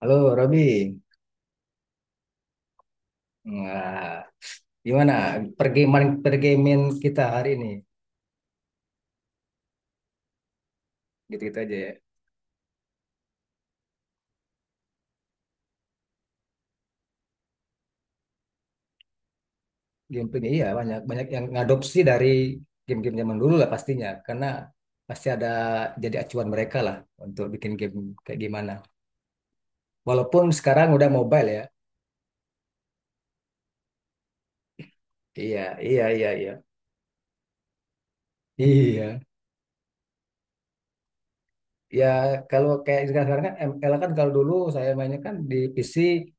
Halo Robi, nah, gimana pergamean pergamean kita hari ini? Gitu-gitu aja ya. Game ini iya banyak banyak yang ngadopsi dari game-game zaman dulu lah pastinya, karena pasti ada jadi acuan mereka lah untuk bikin game kayak gimana. Walaupun sekarang udah mobile ya. Iya, iya, iya, iya. Iya. Ya kalau kayak sekarang-sekarang kan ML kan kalau dulu saya mainnya kan di PC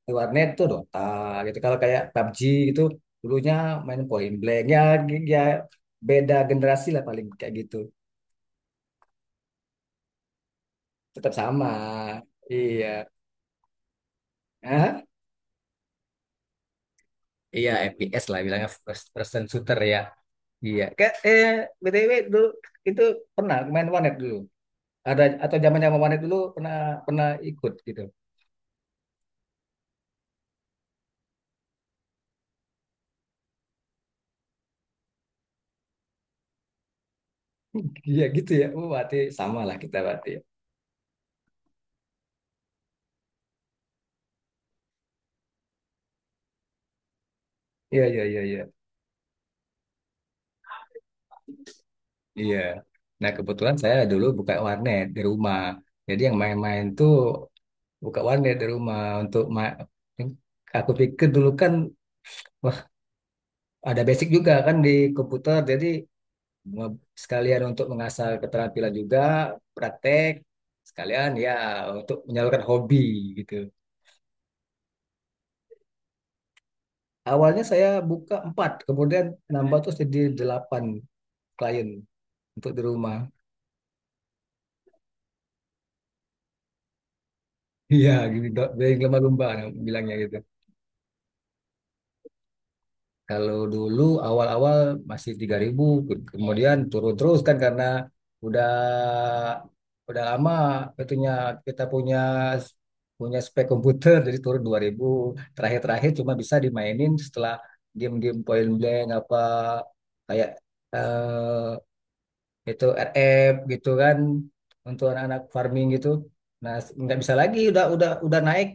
di warnet tuh Dota gitu. Kalau kayak PUBG gitu dulunya main Point Blank ya, ya beda generasi lah paling kayak gitu. Tetap sama. Iya. Hah? Iya FPS lah bilangnya first person shooter ya. Iya. Kayak BTW dulu itu pernah main warnet dulu. Ada atau zaman-zaman warnet dulu pernah pernah ikut gitu. Iya gitu ya. Oh, berarti sama lah kita berarti. Iya, iya, iya, iya. Iya. Nah, kebetulan saya dulu buka warnet di rumah. Jadi yang main-main tuh buka warnet di rumah eh, aku pikir dulu kan wah ada basic juga kan di komputer. Jadi me- sekalian untuk mengasah keterampilan juga, praktek sekalian ya untuk menyalurkan hobi gitu. Awalnya saya buka empat, kemudian nambah terus jadi delapan klien untuk di rumah. Iya, gitu, dok. Jadi lumba-lumba bilangnya gitu. Kalau dulu awal-awal masih 3.000, kemudian turun terus kan karena udah udah lama itunya kita punya punya spek komputer jadi turun 2.000. Terakhir-terakhir cuma bisa dimainin setelah game-game point blank apa kayak eh, itu RF gitu kan untuk anak-anak farming gitu. Nah, nggak bisa lagi udah naik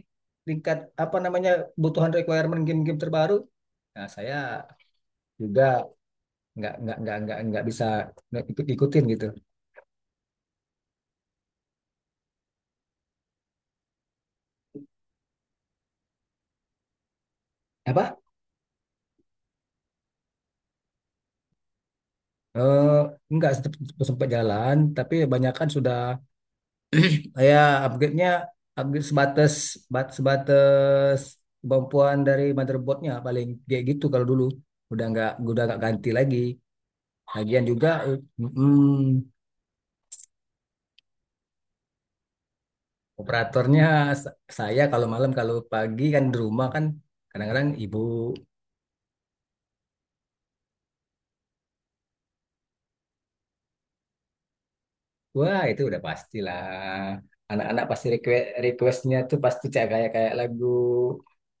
tingkat apa namanya kebutuhan requirement game-game terbaru. Nah, saya juga nggak bisa ikutin gitu. Apa? Eh, nggak sempat sempat jalan, tapi kebanyakan sudah ya upgrade-nya upgrade sebatas sebatas kemampuan dari motherboardnya paling kayak gitu kalau dulu udah nggak ganti lagi. Lagian juga mm, operatornya saya kalau malam kalau pagi kan di rumah kan kadang-kadang ibu. Wah, itu udah pastilah. Anak-anak pasti requestnya tuh pasti kayak kayak kayak lagu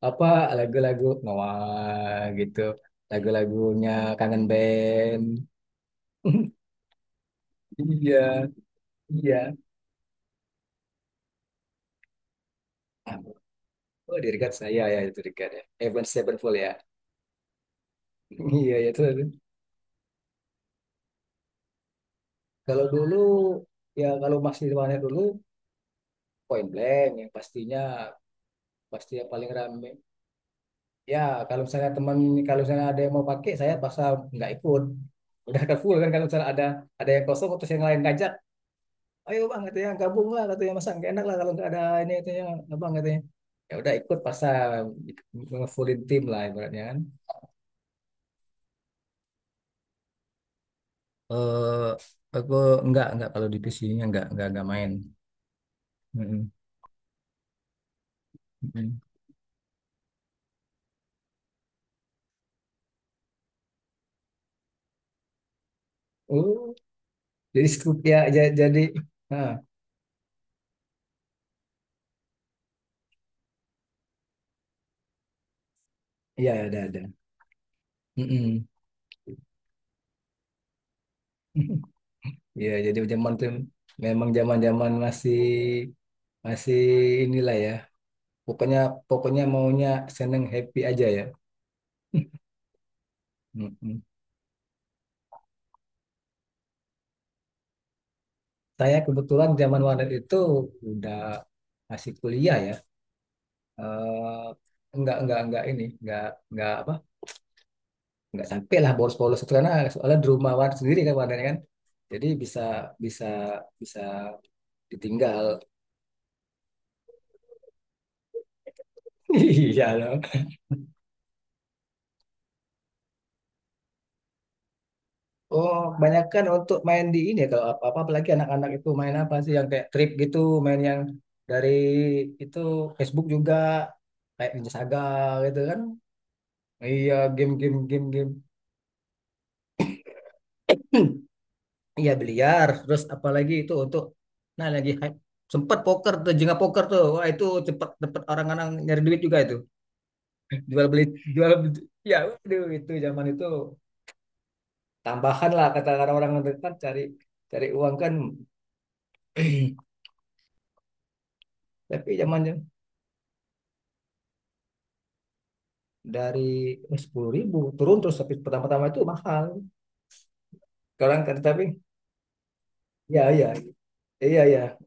apa lagu-lagu Noah gitu, lagu-lagunya Kangen Band. Iya, iya. Ah, Oh, di regard saya ya itu regard ya. Avenged Sevenfold ya. Iya, iya, itu. Kalau dulu ya kalau masih di mana dulu Point Blank yang pastinya pasti yang paling rame. Ya, kalau misalnya teman, kalau misalnya ada yang mau pakai, saya paksa nggak ikut. Udah ada full kan, kalau misalnya ada yang kosong, terus yang lain ngajak, ayo bang, katanya gabung lah, katanya masa nggak enak lah kalau nggak ada ini, katanya abang katanya. Ya udah ikut paksa fullin tim lah ibaratnya kan. Eh, aku nggak kalau di PC-nya nggak main. Mm-mm, mm-mm. Oh, jadi scoop ya, jadi, ah, iya ada. Mm-mm. Iya, jadi zaman tuh memang zaman-zaman masih masih inilah ya pokoknya pokoknya maunya seneng happy aja ya. Mm-mm. Saya kebetulan zaman Walet itu udah masih kuliah ya. Eh enggak ini enggak apa enggak sampai lah bolos-bolos itu karena soalnya di rumah Walet sendiri kan Walet kan jadi bisa bisa bisa ditinggal. Iya loh. Oh, kebanyakan untuk main di ini ya kalau apa-apa apalagi anak-anak itu main apa sih yang kayak trip gitu, main yang dari itu Facebook juga kayak Ninja Saga gitu kan. Iya, game game game game. Iya, biliar, terus apalagi itu untuk nah lagi hype sempet poker tuh, jengah poker tuh. Wah, itu cepet cepet orang-orang nyari duit juga itu. Jual beli ya waduh itu zaman itu tambahan lah kata orang-orang kan cari cari uang kan. Tapi zaman dari 10.000 turun terus tapi pertama-tama itu mahal sekarang kan tapi ya, ya, iya, ya,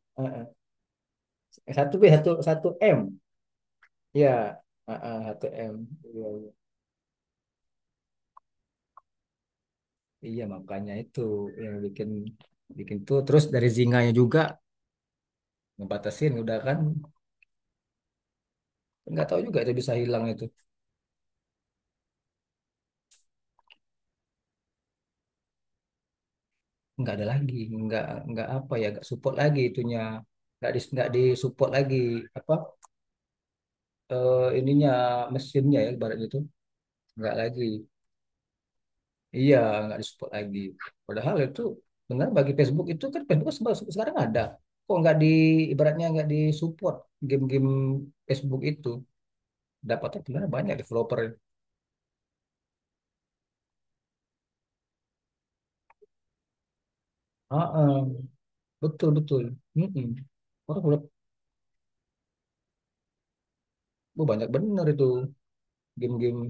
satu b satu satu m ya satu m iya iya. Iya, makanya itu yang bikin bikin tuh terus dari zinganya juga ngebatasin udah kan nggak tahu juga itu bisa hilang itu. Nggak ada lagi nggak nggak apa ya nggak support lagi itunya nggak di lagi apa ininya mesinnya ya ibaratnya itu nggak lagi. Iya, nggak disupport lagi. Padahal itu benar bagi Facebook itu kan Facebook sekarang ada. Kok nggak di ibaratnya nggak disupport game-game Facebook itu dapatnya sebenarnya banyak developer. Ah, ah, betul, betul. Mm-mm. Orang udah oh, banyak bener itu game-game.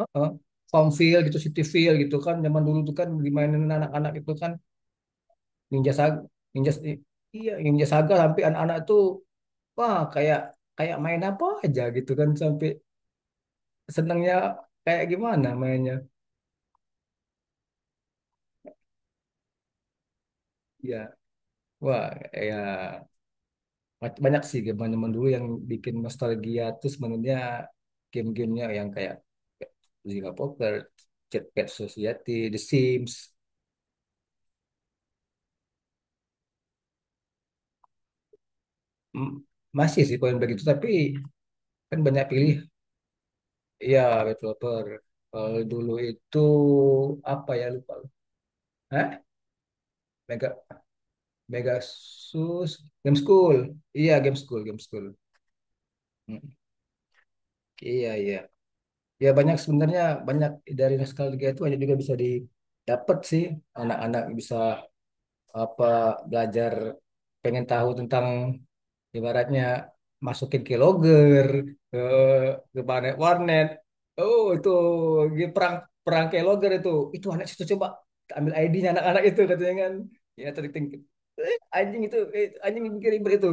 Ah, ah. Farmville gitu, Cityville gitu kan zaman dulu tuh kan dimainin anak-anak itu kan. Ninja Saga, Ninja iya Ninja Saga sampai anak-anak tuh wah kayak kayak main apa aja gitu kan sampai senangnya kayak gimana mainnya ya wah ya banyak sih game zaman dulu yang bikin nostalgia tuh sebenarnya game-gamenya yang kayak Zynga Poker, Cat Cat Society, The Sims. M- masih sih kalau yang begitu tapi kan banyak pilih. Ya developer kalau dulu itu apa ya lupa. Hah? Mega Mega Sus Game School iya Game School Game School. Mm. Iya, iya. Ya banyak sebenarnya banyak dari nostalgia itu banyak juga bisa didapat sih anak-anak bisa apa belajar pengen tahu tentang ibaratnya masukin ke ke ke planet warnet oh itu di perang perang ke itu itu anak situ coba kita ambil ID-nya anak-anak itu katanya kan ya tadi anjing itu anjing yang bikin ribet itu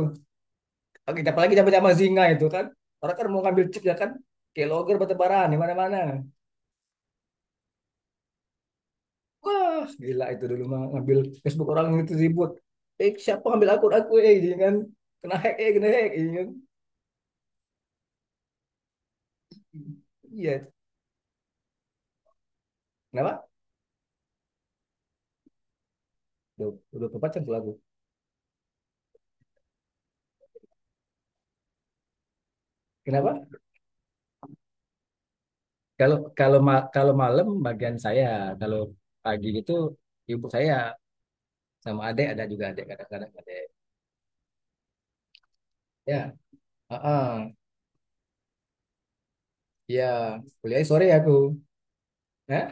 oke apalagi zaman-zaman Zinga itu kan orang kan mau ngambil chip ya kan ke logger batu-baraan di mana-mana. Wah, gila itu dulu mah ngambil Facebook orang itu ribut. Eh, siapa ngambil akun aku eh gitu kan. Kena hack gitu kan. Iya. Kenapa? Duh, udah 4 jam tuh aku. Kenapa? Kalau kalau ma- kalau malam bagian saya, kalau pagi itu ibu saya sama adek ada juga adek kadang-kadang adek. Ya, heeh. Ya, kuliah sore aku. Nah,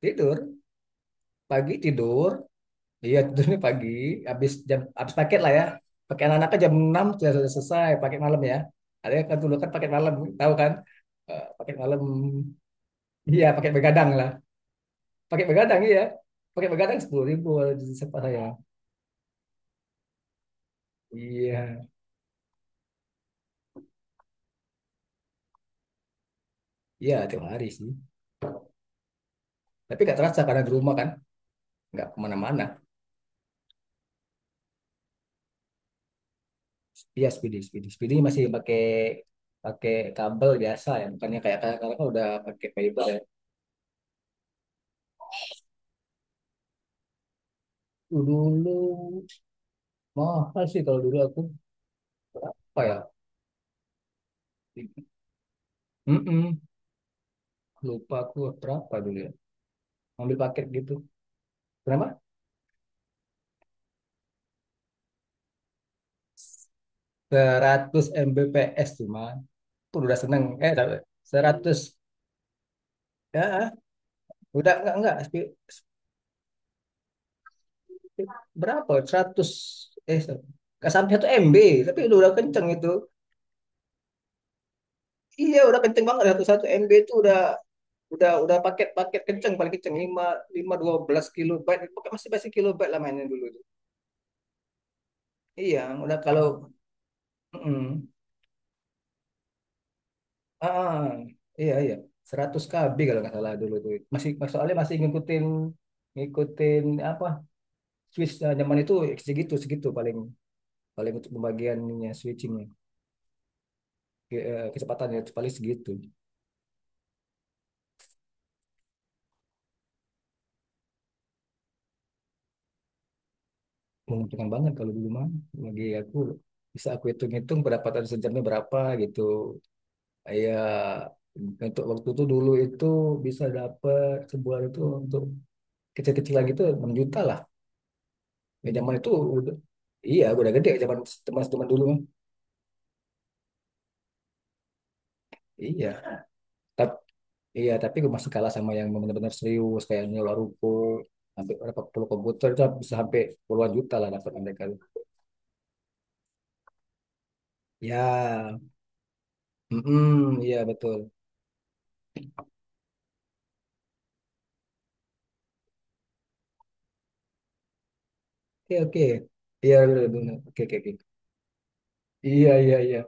tidur. Pagi tidur. Iya, tidurnya pagi, habis paket lah ya. Pakai anak-anaknya jam 6 sudah selesai paket malam ya. Ada yang kan dulu kan paket malam, tahu kan? Eh, paket malam. Iya, paket begadang lah. Paket begadang iya. Paket begadang 10.000 sempat saya. Iya, iya tiap hari sih. Tapi nggak terasa karena di rumah kan, nggak kemana-mana. Iya, speedy, speedy, speedy masih pakai pakai kabel biasa ya, bukannya kayak sekarang kan udah pakai fiber ya. Dulu mahal sih kalau dulu aku berapa ya? Mm-mm. Lupa aku berapa dulu ya. Ambil paket gitu. Kenapa? 100 Mbps cuma. Pun udah seneng. Tapi 100. Ya, udah enggak. Spi- Berapa? 100, Eh, enggak sampai 1 MB, tapi udah kenceng itu. Iya, udah kenceng banget. 1 MB itu udah paket-paket kenceng paling kenceng 5 5 12 kilobyte. Pokoknya masih masih kilobyte lah mainnya dulu itu. Iya, udah kalau mm. Ah, iya, iya. 100 KB kalau nggak salah dulu tuh. Masih soalnya masih ngikutin ngikutin apa switch zaman itu segitu segitu paling paling untuk pembagiannya switchingnya. Kecepatannya itu paling segitu. Menguntungkan banget kalau dulu mah bagi aku bisa aku hitung-hitung pendapatan sejamnya berapa gitu. Ya untuk waktu itu dulu itu bisa dapat sebulan itu untuk kecil-kecilan gitu 6 juta lah. Ya zaman itu udah- iya udah gede zaman teman-teman dulu. Iya, tapi iya tapi gue masih kalah sama yang benar-benar serius kayak nyewa ruko sampai berapa puluh komputer itu bisa sampai puluhan juta lah dapat mereka. Ya, mm, iya betul. Oke, oke, iya betul, betul. Oke, oke, oke. Iya, iya, iya.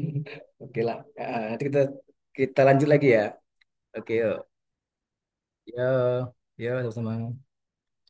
Oke lah, nanti kita kita lanjut lagi ya. Oke yuk, ya, ya sama-sama.